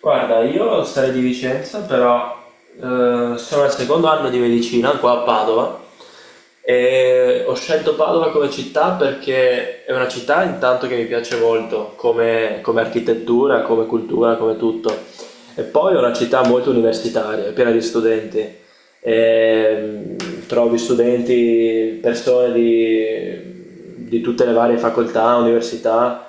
Guarda, io sarei di Vicenza, però sono al secondo anno di medicina qua a Padova e ho scelto Padova come città perché è una città intanto che mi piace molto come architettura, come cultura, come tutto. E poi è una città molto universitaria, è piena di studenti ehm, trovi studenti, persone di tutte le varie facoltà, università,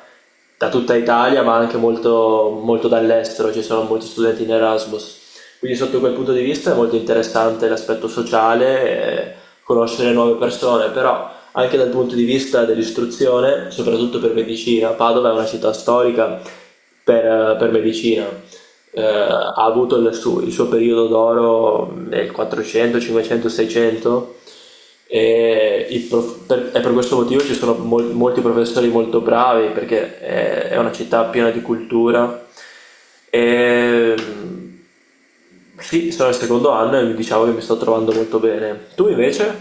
da tutta Italia, ma anche molto, molto dall'estero, ci sono molti studenti in Erasmus. Quindi sotto quel punto di vista è molto interessante l'aspetto sociale, conoscere nuove persone, però anche dal punto di vista dell'istruzione, soprattutto per medicina, Padova è una città storica per medicina. Ha avuto il suo periodo d'oro nel 400, 500, 600 e per questo motivo ci sono molti professori molto bravi, perché è una città piena di cultura e sì, sono al secondo anno e mi diciamo che mi sto trovando molto bene. Tu invece?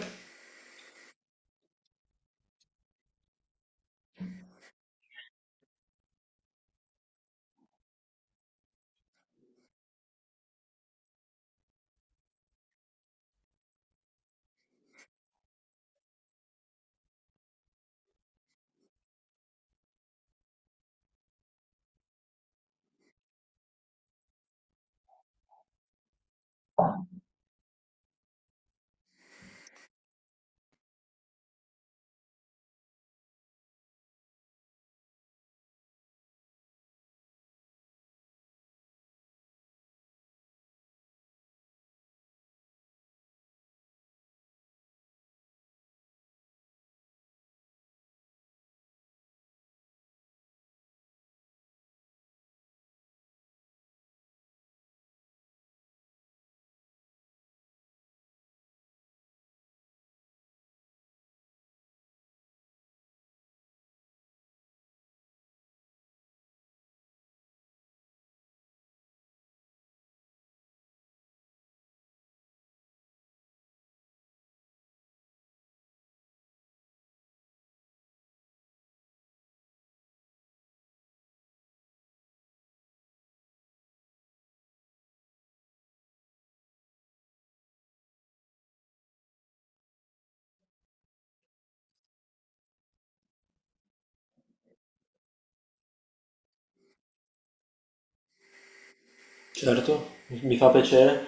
Certo, mi fa piacere.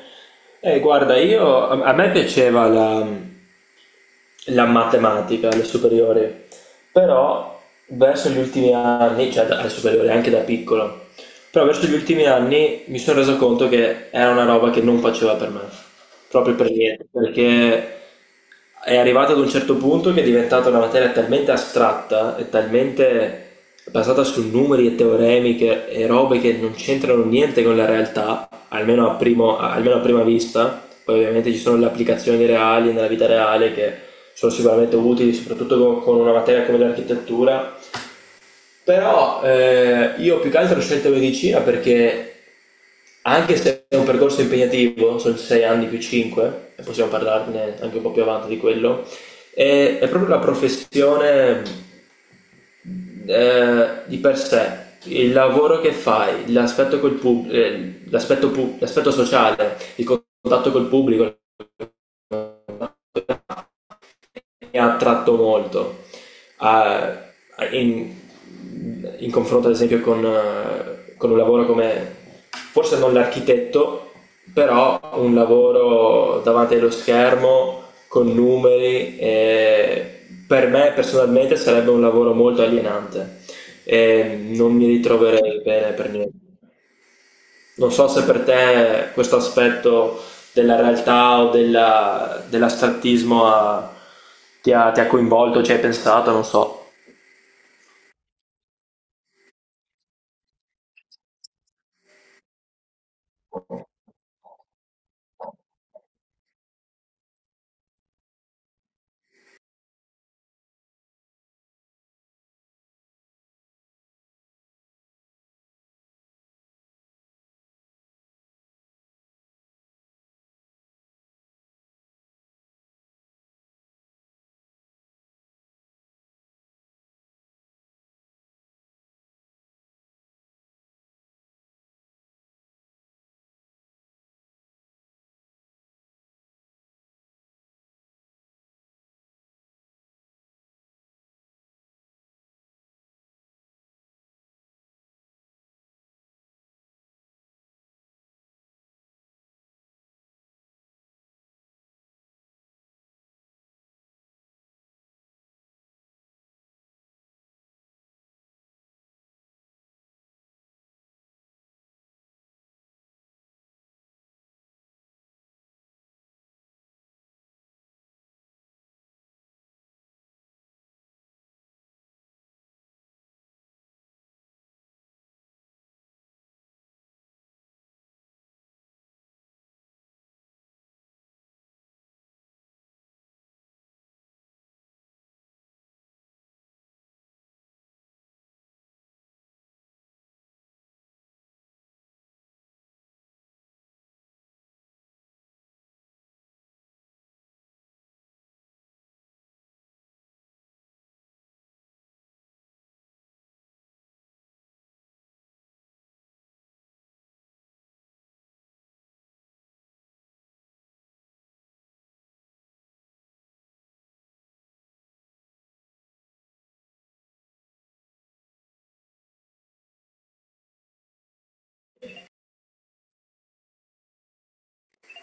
Guarda, io a me piaceva la matematica alle superiori, però verso gli ultimi anni, cioè alle superiori anche da piccolo, però verso gli ultimi anni mi sono reso conto che era una roba che non faceva per me, proprio per niente, perché è arrivato ad un certo punto che è diventata una materia talmente astratta e talmente basata su numeri e teoremi e robe che non c'entrano niente con la realtà, almeno almeno a prima vista. Poi ovviamente ci sono le applicazioni reali nella vita reale, che sono sicuramente utili, soprattutto con una materia come l'architettura. Però io più che altro ho scelto medicina perché, anche se è un percorso impegnativo, sono 6 anni più 5, e possiamo parlarne anche un po' più avanti di quello, è proprio la professione di per sé, il lavoro che fai, l'aspetto sociale, il contatto col pubblico, mi ha attratto molto. Ah, in, in confronto, ad esempio, con un lavoro come, forse non l'architetto, però un lavoro davanti allo schermo con numeri. Per me personalmente sarebbe un lavoro molto alienante e non mi ritroverei bene per niente. Non so se per te questo aspetto della realtà o dell'astrattismo ti ha coinvolto, ci hai pensato, non so.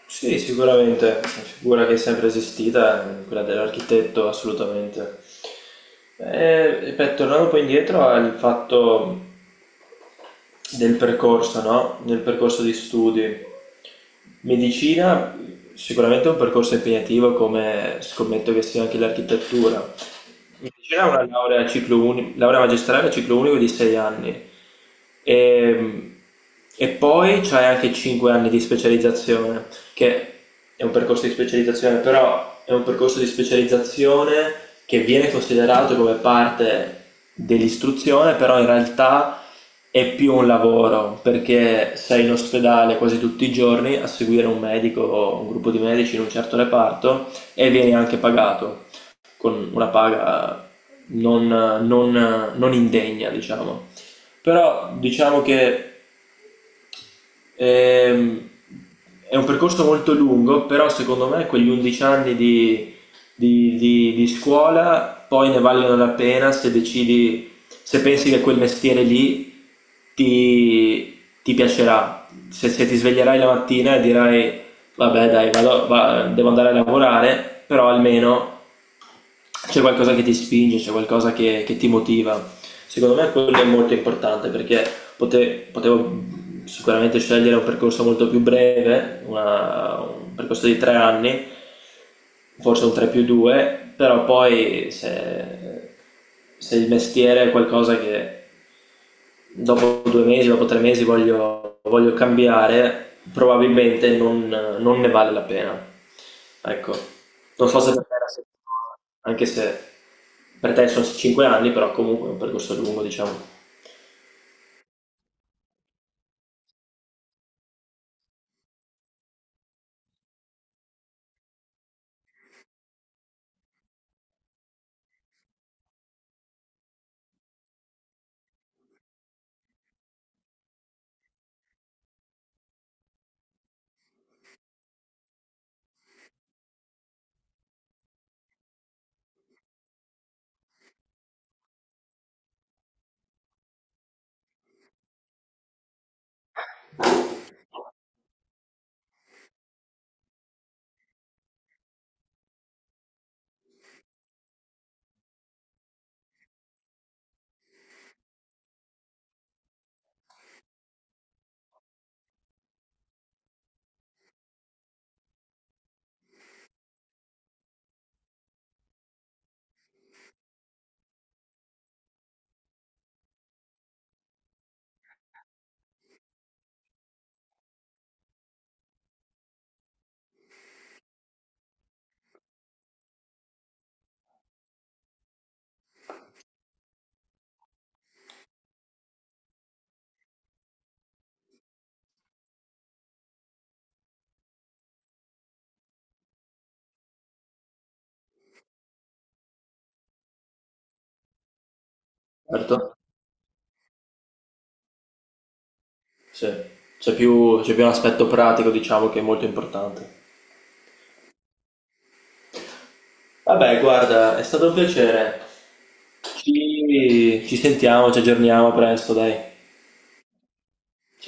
Sì, sicuramente, è una figura che è sempre esistita, quella dell'architetto, assolutamente. Ripeto, tornando poi indietro al fatto del percorso, no? Del percorso di studi. Medicina sicuramente è un percorso impegnativo, come scommetto che sia anche l'architettura. Invece era una laurea magistrale a ciclo unico di 6 anni. E, e poi c'hai anche 5 anni di specializzazione, che è un percorso di specializzazione, però è un percorso di specializzazione che viene considerato come parte dell'istruzione, però in realtà è più un lavoro, perché sei in ospedale quasi tutti i giorni a seguire un medico o un gruppo di medici in un certo reparto e vieni anche pagato con una paga non indegna, diciamo. Però diciamo che ehm, è un percorso molto lungo, però secondo me quegli 11 anni di scuola poi ne valgono la pena, se decidi, se pensi che quel mestiere lì ti, ti piacerà. Se ti sveglierai la mattina e dirai, vabbè dai, devo andare a lavorare, però almeno c'è qualcosa che ti spinge, c'è qualcosa che ti motiva. Secondo me quello è molto importante, perché potevo sicuramente scegliere un percorso molto più breve, un percorso di tre anni, forse un 3 più 2, però poi, se il mestiere è qualcosa che dopo due mesi, dopo tre mesi voglio cambiare, probabilmente non ne vale la pena. Ecco, non so se per te è la stessa cosa, anche se per te sono 5 anni, però comunque è un percorso lungo, diciamo. Certo? Sì. C'è più un aspetto pratico, diciamo, che è molto importante. Vabbè, guarda, è stato un piacere. Ci sentiamo, ci aggiorniamo presto, dai. Ciao.